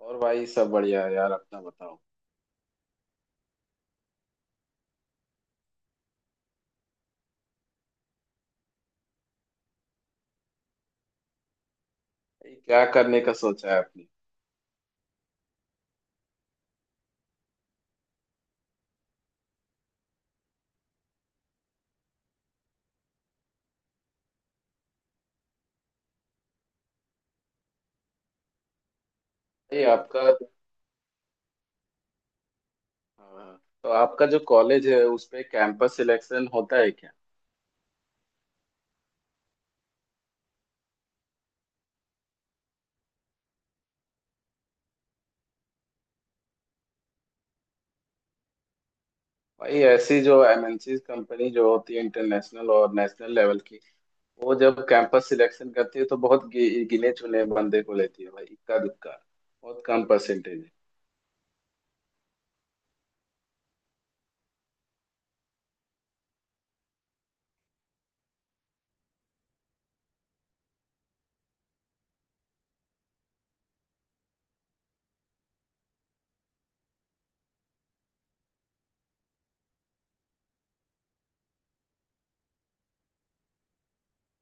और भाई सब बढ़िया है यार अपना बताओ। भाई क्या करने का सोचा है आपने? भाई आपका हाँ, तो आपका जो कॉलेज है उसमें कैंपस सिलेक्शन होता है क्या? भाई ऐसी जो एमएनसी कंपनी जो होती है इंटरनेशनल और नेशनल लेवल की, वो जब कैंपस सिलेक्शन करती है तो बहुत गिने चुने बंदे को लेती है भाई, इक्का दुक्का। बहुत कम परसेंटेज है।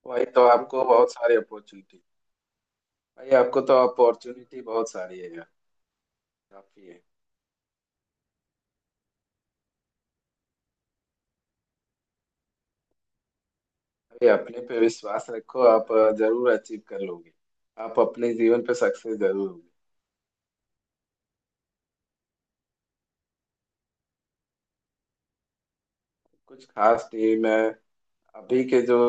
भाई तो आपको बहुत सारी अपॉर्चुनिटी। भाई आपको तो अपॉर्चुनिटी बहुत सारी है यार। काफी है। अरे अपने पे विश्वास रखो। आप जरूर अचीव कर लोगे। आप अपने जीवन पे सक्सेस जरूर होगे। कुछ खास नहीं। मैं अभी के जो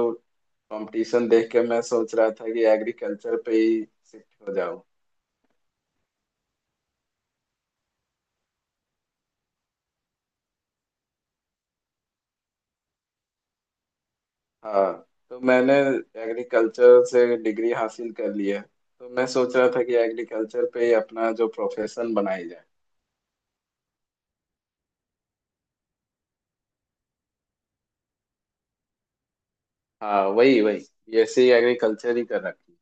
कंपटीशन देख के मैं सोच रहा था कि एग्रीकल्चर पे ही शिफ्ट हो जाऊं। हाँ, तो मैंने एग्रीकल्चर से डिग्री हासिल कर ली है। तो मैं सोच रहा था कि एग्रीकल्चर पे ही अपना जो प्रोफेशन बनाई जाए। हाँ, वही वही बीएससी एग्रीकल्चर ही कर रखी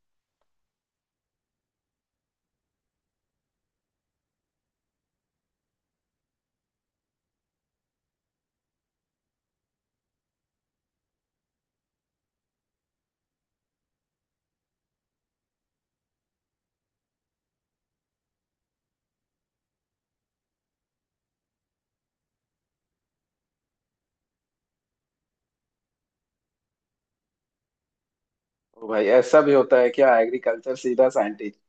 है। ओ भाई ऐसा भी होता है क्या, एग्रीकल्चर सीधा साइंटिस्ट?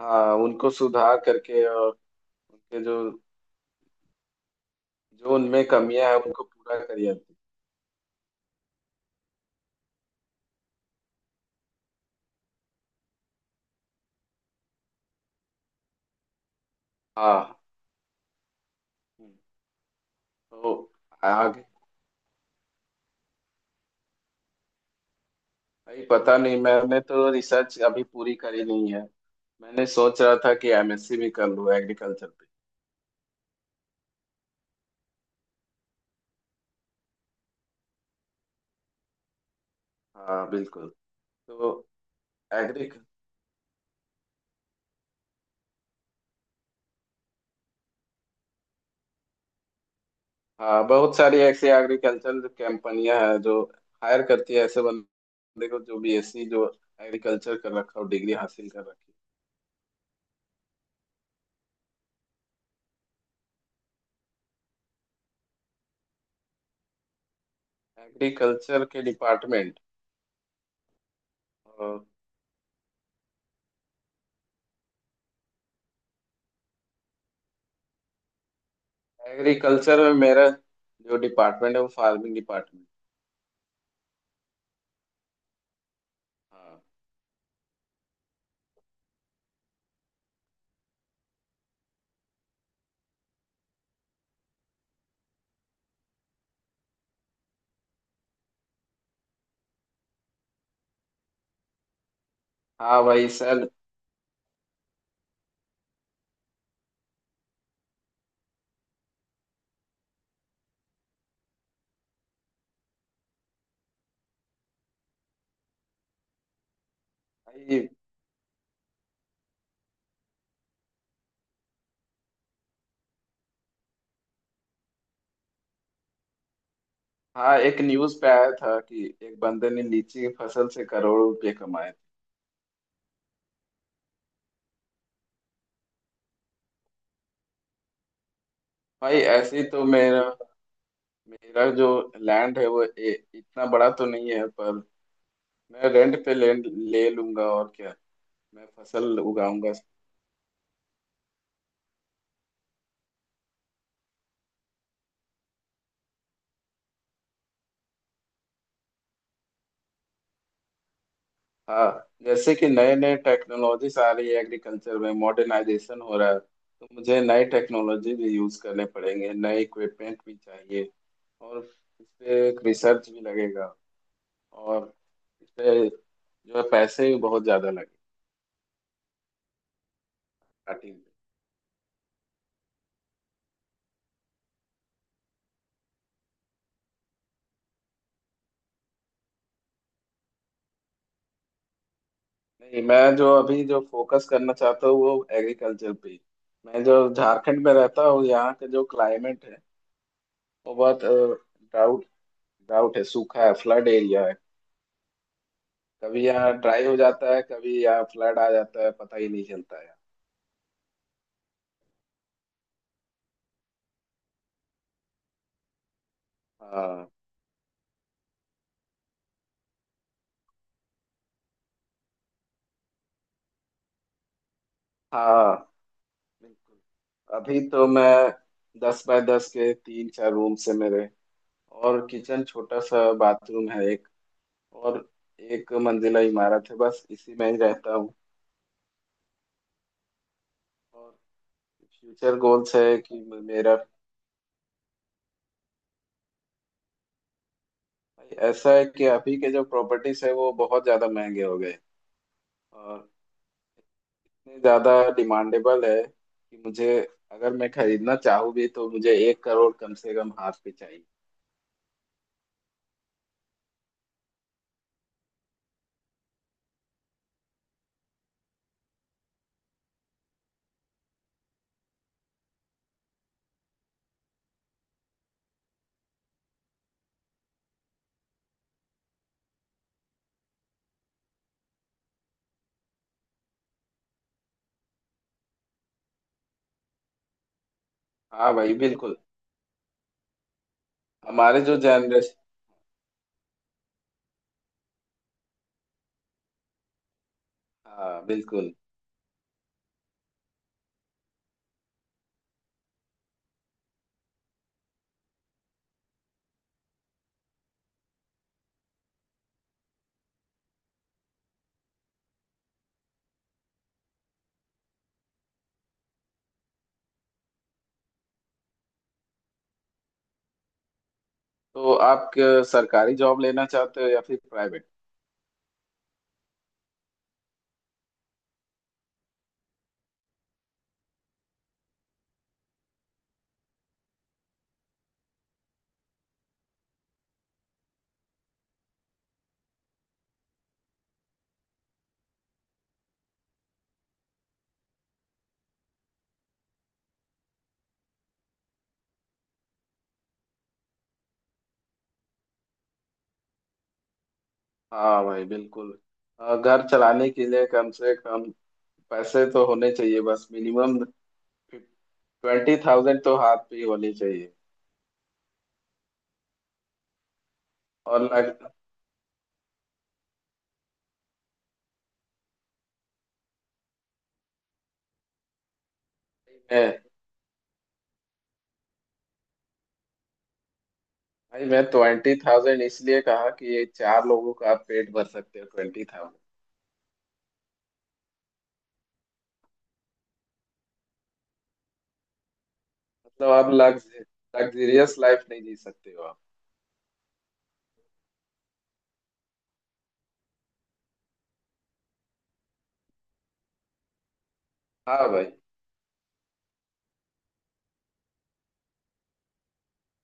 हाँ, उनको सुधार करके, और उनके जो जो उनमें कमियां है उनको पूरा करिए। हाँ। हम्म, तो आगे। भाई पता नहीं, मैंने तो रिसर्च अभी पूरी करी नहीं है। मैंने सोच रहा था कि एमएससी भी कर लूँ एग्रीकल्चर पे। हाँ बिल्कुल। तो एग्री हाँ, बहुत सारी ऐसी एग्रीकल्चर कंपनियां हैं जो हायर करती है ऐसे बंदे को जो बीएससी, जो एग्रीकल्चर कर रखा हो, डिग्री हासिल कर रखी है। एग्रीकल्चर के डिपार्टमेंट। एग्रीकल्चर में मेरा जो डिपार्टमेंट है वो फार्मिंग डिपार्टमेंट। हाँ। हाँ भाई सर। भाई। हाँ। एक न्यूज़ पे आया था कि एक बंदे ने लीची की फसल से करोड़ों रुपए कमाए थे। भाई ऐसे ही तो मेरा मेरा जो लैंड है वो इतना बड़ा तो नहीं है, पर मैं रेंट पे लैंड ले लूंगा, और क्या, मैं फसल उगाऊंगा। हाँ, जैसे कि नए नए टेक्नोलॉजीज आ रही है, एग्रीकल्चर में मॉडर्नाइजेशन हो रहा है, तो मुझे नई टेक्नोलॉजी भी यूज करने पड़ेंगे, नए इक्विपमेंट भी चाहिए, और इस पे एक रिसर्च भी लगेगा, और इस पे जो है पैसे भी बहुत ज्यादा लगे स्टार्टिंग में। नहीं, मैं जो अभी जो फोकस करना चाहता हूँ वो एग्रीकल्चर पे ही। मैं जो झारखंड में रहता हूँ, यहाँ का जो क्लाइमेट है वो बहुत ड्राउट ड्राउट है, सूखा है, फ्लड एरिया है। कभी यहाँ ड्राई हो जाता है, कभी यहाँ फ्लड आ जाता है, पता ही नहीं चलता है। हाँ। हाँ बिल्कुल। अभी तो मैं 10 बाय 10 के तीन चार रूम से मेरे, और किचन, छोटा सा बाथरूम है एक, और एक मंजिला इमारत है, बस इसी में ही रहता हूँ। और फ्यूचर गोल्स है कि मेरा, भाई ऐसा है कि अभी के जो प्रॉपर्टीज है वो बहुत ज़्यादा महंगे हो गए, और इतने ज़्यादा डिमांडेबल है कि मुझे, अगर मैं खरीदना चाहूँ भी तो मुझे 1 करोड़ कम से कम हाथ पे चाहिए। हाँ भाई बिल्कुल। हमारे जो जनरेशन। हाँ बिल्कुल। तो आप सरकारी जॉब लेना चाहते हो या फिर प्राइवेट? हाँ भाई बिल्कुल। घर चलाने के लिए कम से कम पैसे तो होने चाहिए बस, मिनिमम 20,000 तो हाथ पे ही होने चाहिए। और लग मैं, भाई, मैं 20,000 इसलिए कहा कि ये चार लोगों का आप पेट भर सकते हो 20,000। मतलब आप लग्जरियस लाइफ नहीं जी सकते हो आप। हाँ भाई।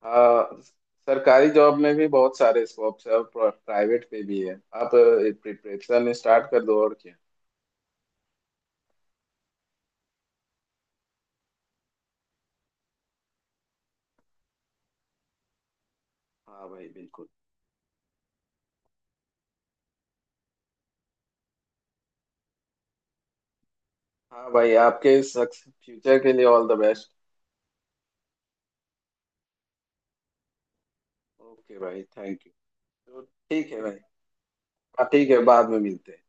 हाँ। सरकारी जॉब में भी बहुत सारे स्कोप्स है, और प्राइवेट पे भी है, आप प्रिपरेशन स्टार्ट कर दो, और क्या। हाँ भाई बिल्कुल। हाँ भाई, आपके इस फ्यूचर के लिए ऑल द बेस्ट। ओके भाई थैंक यू। तो ठीक है भाई। हाँ ठीक है, बाद में मिलते हैं।